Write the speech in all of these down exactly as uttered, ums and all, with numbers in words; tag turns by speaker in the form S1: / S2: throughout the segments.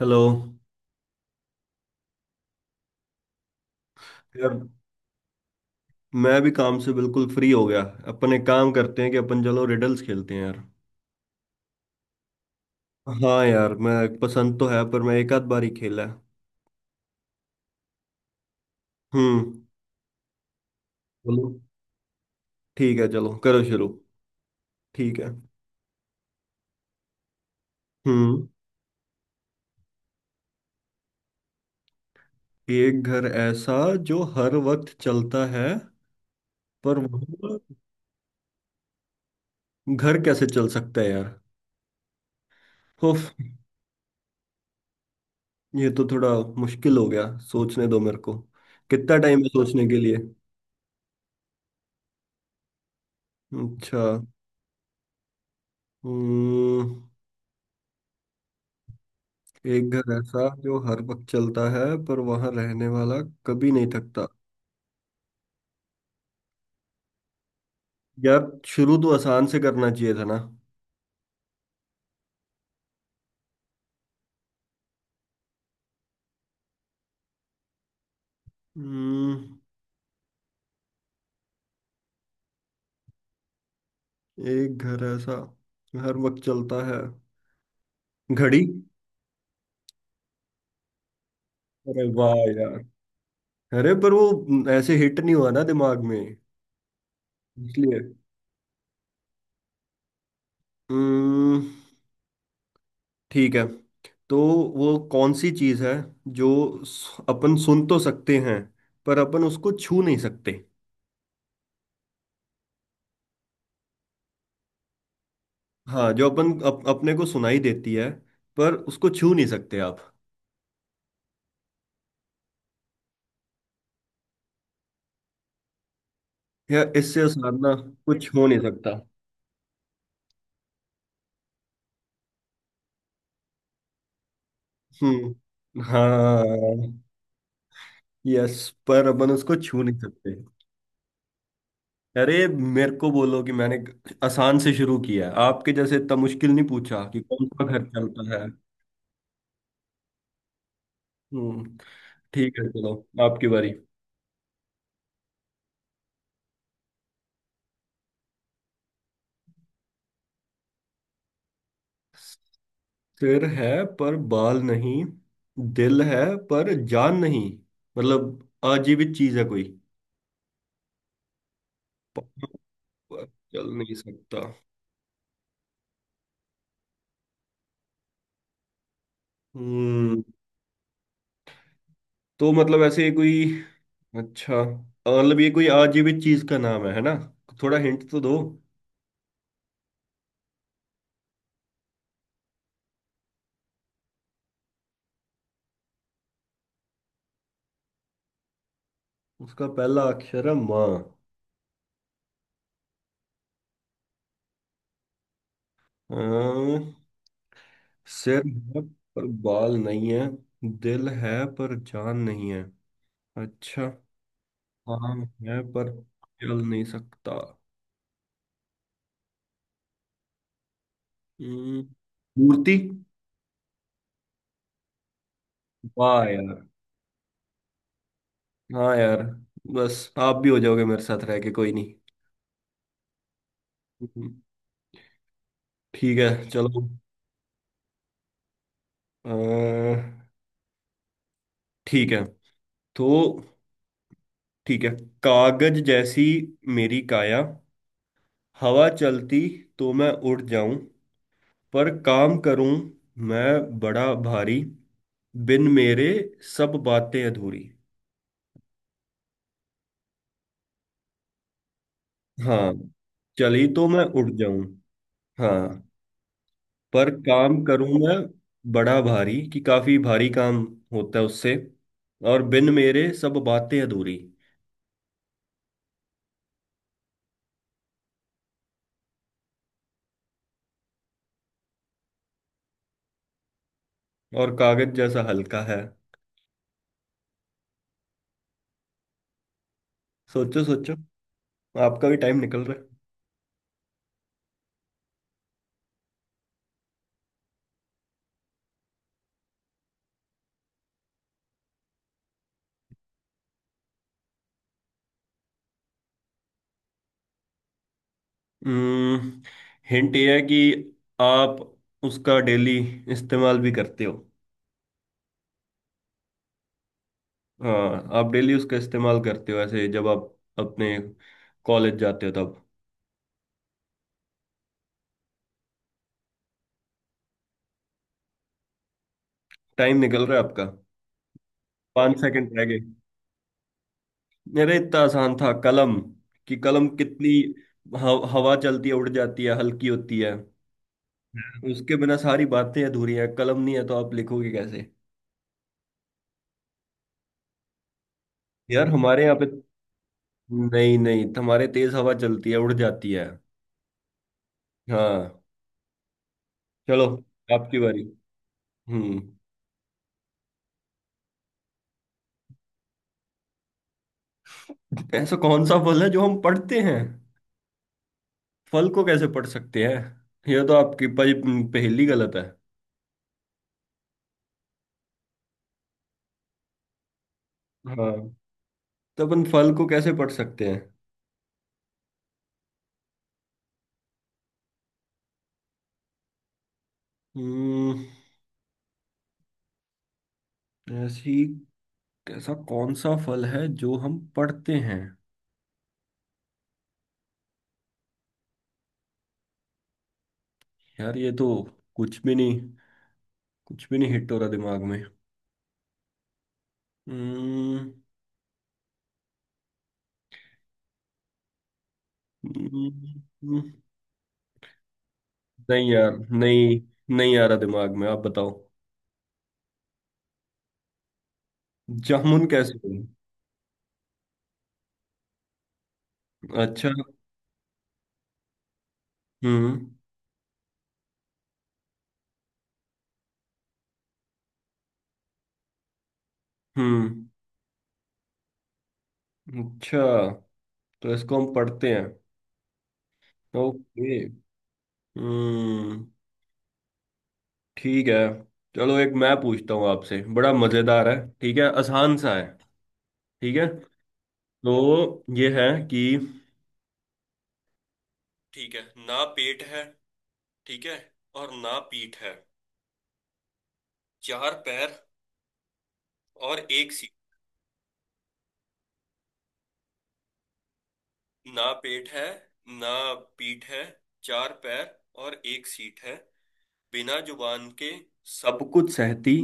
S1: Hello यार। मैं भी काम से बिल्कुल फ्री हो गया। अपन एक काम करते हैं कि अपन चलो रिडल्स खेलते हैं यार। हाँ यार, मैं पसंद तो है पर मैं एक आध बार ही खेला है। हम्म। बोलो। ठीक है, चलो करो शुरू। ठीक है। हम्म। एक घर ऐसा जो हर वक्त चलता है, पर वह... घर कैसे चल सकता है यार? उफ। ये तो थोड़ा मुश्किल हो गया। सोचने दो मेरे को। कितना टाइम है सोचने के लिए? अच्छा। हम्म। एक घर ऐसा जो हर वक्त चलता है पर वहां रहने वाला कभी नहीं थकता। यार शुरू तो आसान से करना चाहिए था ना। हम्म। एक घर ऐसा हर वक्त चलता है... घड़ी। अरे वाह यार। अरे पर वो ऐसे हिट नहीं हुआ ना दिमाग में। इसलिए। हम्म। ठीक है। तो वो कौन सी चीज है जो स- अपन सुन तो सकते हैं पर अपन उसको छू नहीं सकते? हाँ, जो अपन अप, अपने को सुनाई देती है पर उसको छू नहीं सकते आप। या इससे साधना कुछ हो नहीं सकता। हम्म। हाँ। यस। पर अपन उसको छू नहीं सकते। अरे, मेरे को बोलो कि मैंने आसान से शुरू किया है, आपके जैसे इतना मुश्किल नहीं पूछा कि कौन सा घर चलता है। हम्म। ठीक है चलो। आपकी बारी। सिर है पर बाल नहीं, दिल है पर जान नहीं, मतलब आजीवित चीज है कोई। पर चल नहीं सकता। हम्म। तो मतलब ऐसे कोई... अच्छा, अ, मतलब ये कोई आजीवित चीज का नाम है है ना? थोड़ा हिंट तो दो। उसका पहला अक्षर है माँ। अ, सिर है पर बाल नहीं है, दिल है पर जान नहीं है। अच्छा। हाँ। है पर चल नहीं सकता। हम्म, मूर्ति। वाह यार। हाँ यार। बस आप भी हो जाओगे मेरे साथ रह के, कोई नहीं। हम्म, ठीक है चलो। अह, ठीक है। तो ठीक है। कागज जैसी मेरी काया, हवा चलती तो मैं उड़ जाऊं, पर काम करूं मैं बड़ा भारी, बिन मेरे सब बातें अधूरी। हाँ। चली तो मैं उड़ जाऊं। हाँ। पर काम करूं मैं बड़ा भारी कि काफी भारी काम होता है उससे, और बिन मेरे सब बातें अधूरी। और कागज जैसा हल्का है। सोचो सोचो। आपका भी टाइम निकल रहा है। हिंट ये है कि आप उसका डेली इस्तेमाल भी करते हो। हाँ, आप डेली उसका इस्तेमाल करते हो, ऐसे जब आप अपने कॉलेज जाते हो तब। टाइम निकल रहा है आपका। पाँच सेकंड रह गए। अरे इतना आसान था, कलम। कि कलम कितनी हव- हवा चलती है, उड़ जाती है, हल्की होती है। उसके बिना सारी बातें अधूरी हैं, कलम नहीं है तो आप लिखोगे कैसे? यार हमारे यहाँ पे नहीं नहीं, हमारे तेज हवा चलती है उड़ जाती है। हाँ। चलो। आपकी बारी। हम्म। ऐसा कौन सा फल है जो हम पढ़ते हैं? फल को कैसे पढ़ सकते हैं? यह तो आपकी पह- पहेली गलत है। हाँ। तो अपन फल को कैसे पढ़ सकते हैं? हम्म। ऐसी... ऐसा कौन सा फल है जो हम पढ़ते हैं? यार ये तो कुछ भी नहीं, कुछ भी नहीं हिट हो रहा दिमाग में। हम्म। हम्म। हम्म। नहीं यार, नहीं, नहीं आ रहा दिमाग में, आप बताओ। जामुन कैसे बने? अच्छा। हम्म। हम्म। अच्छा, तो इसको हम पढ़ते हैं। ओके। हम्म। ठीक है। चलो एक मैं पूछता हूँ आपसे, बड़ा मजेदार है। ठीक है, आसान सा है। ठीक है। तो ये है कि ठीक है, ना पेट है, ठीक है, और ना पीठ है, चार पैर और एक सीट। ना पेट है ना पीठ है, चार पैर और एक सीट है, बिना जुबान के सब कुछ सहती,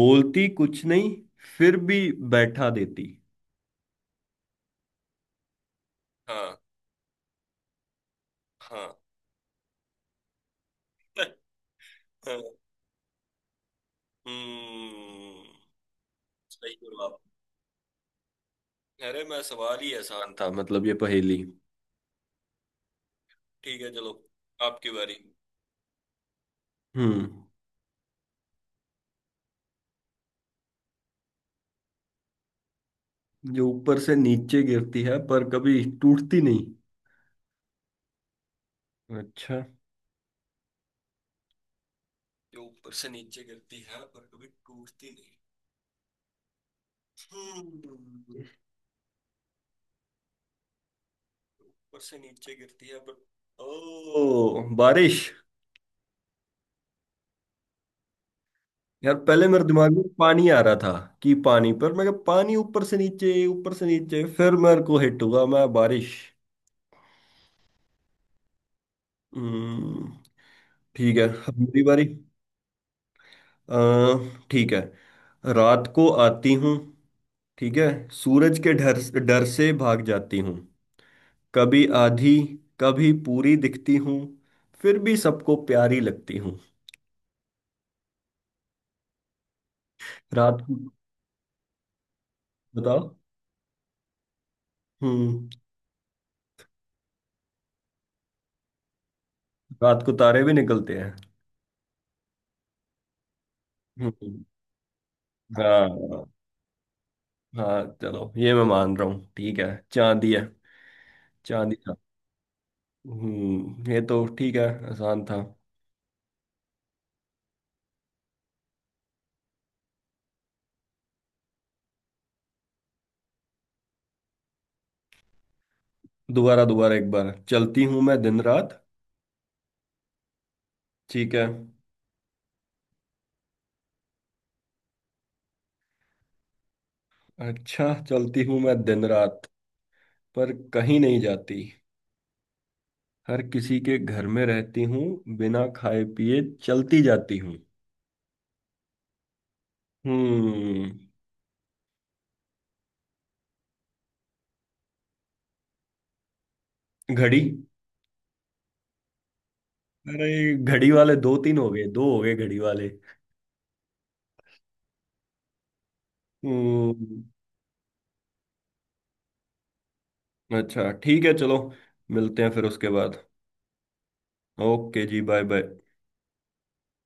S1: बोलती कुछ नहीं, फिर भी बैठा देती। हाँ। हाँ। हम्म। सही जवाब। अरे मैं सवाल ही आसान था, मतलब ये पहेली। ठीक है चलो। आपकी बारी। हम्म। जो ऊपर से नीचे गिरती है पर कभी टूटती नहीं। अच्छा। जो ऊपर से नीचे गिरती है पर कभी टूटती नहीं। हम्म। ऊपर से नीचे गिरती है पर... ओ ओ, बारिश। यार पहले मेरे दिमाग में पानी आ रहा था कि पानी, पर मैं कहा, पानी ऊपर से नीचे, ऊपर से नीचे, फिर मेरे को हिट हुआ मैं बारिश। हम्म, ठीक है, अब मेरी बारी। अ, ठीक है। रात को आती हूँ, ठीक है, सूरज के डर, डर से भाग जाती हूँ, कभी आधी, कभी पूरी दिखती हूँ, फिर भी सबको प्यारी लगती हूँ। रात को। बताओ। हम्म। रात को तारे भी निकलते हैं। हम्म, हाँ हाँ, चलो ये मैं मान रहा हूँ, ठीक है। चांदी है, चांदी था। हम्म ये तो ठीक है, आसान था। दोबारा दोबारा एक बार, चलती हूँ मैं दिन रात... ठीक है। अच्छा, चलती हूँ मैं दिन रात, पर कहीं नहीं जाती, हर किसी के घर में रहती हूँ, बिना खाए पिए चलती जाती हूँ। हम्म घड़ी। अरे घड़ी वाले दो तीन हो गए, दो हो गए घड़ी वाले। हम्म। अच्छा ठीक है चलो। मिलते हैं फिर उसके बाद। ओके, जी बाय बाय।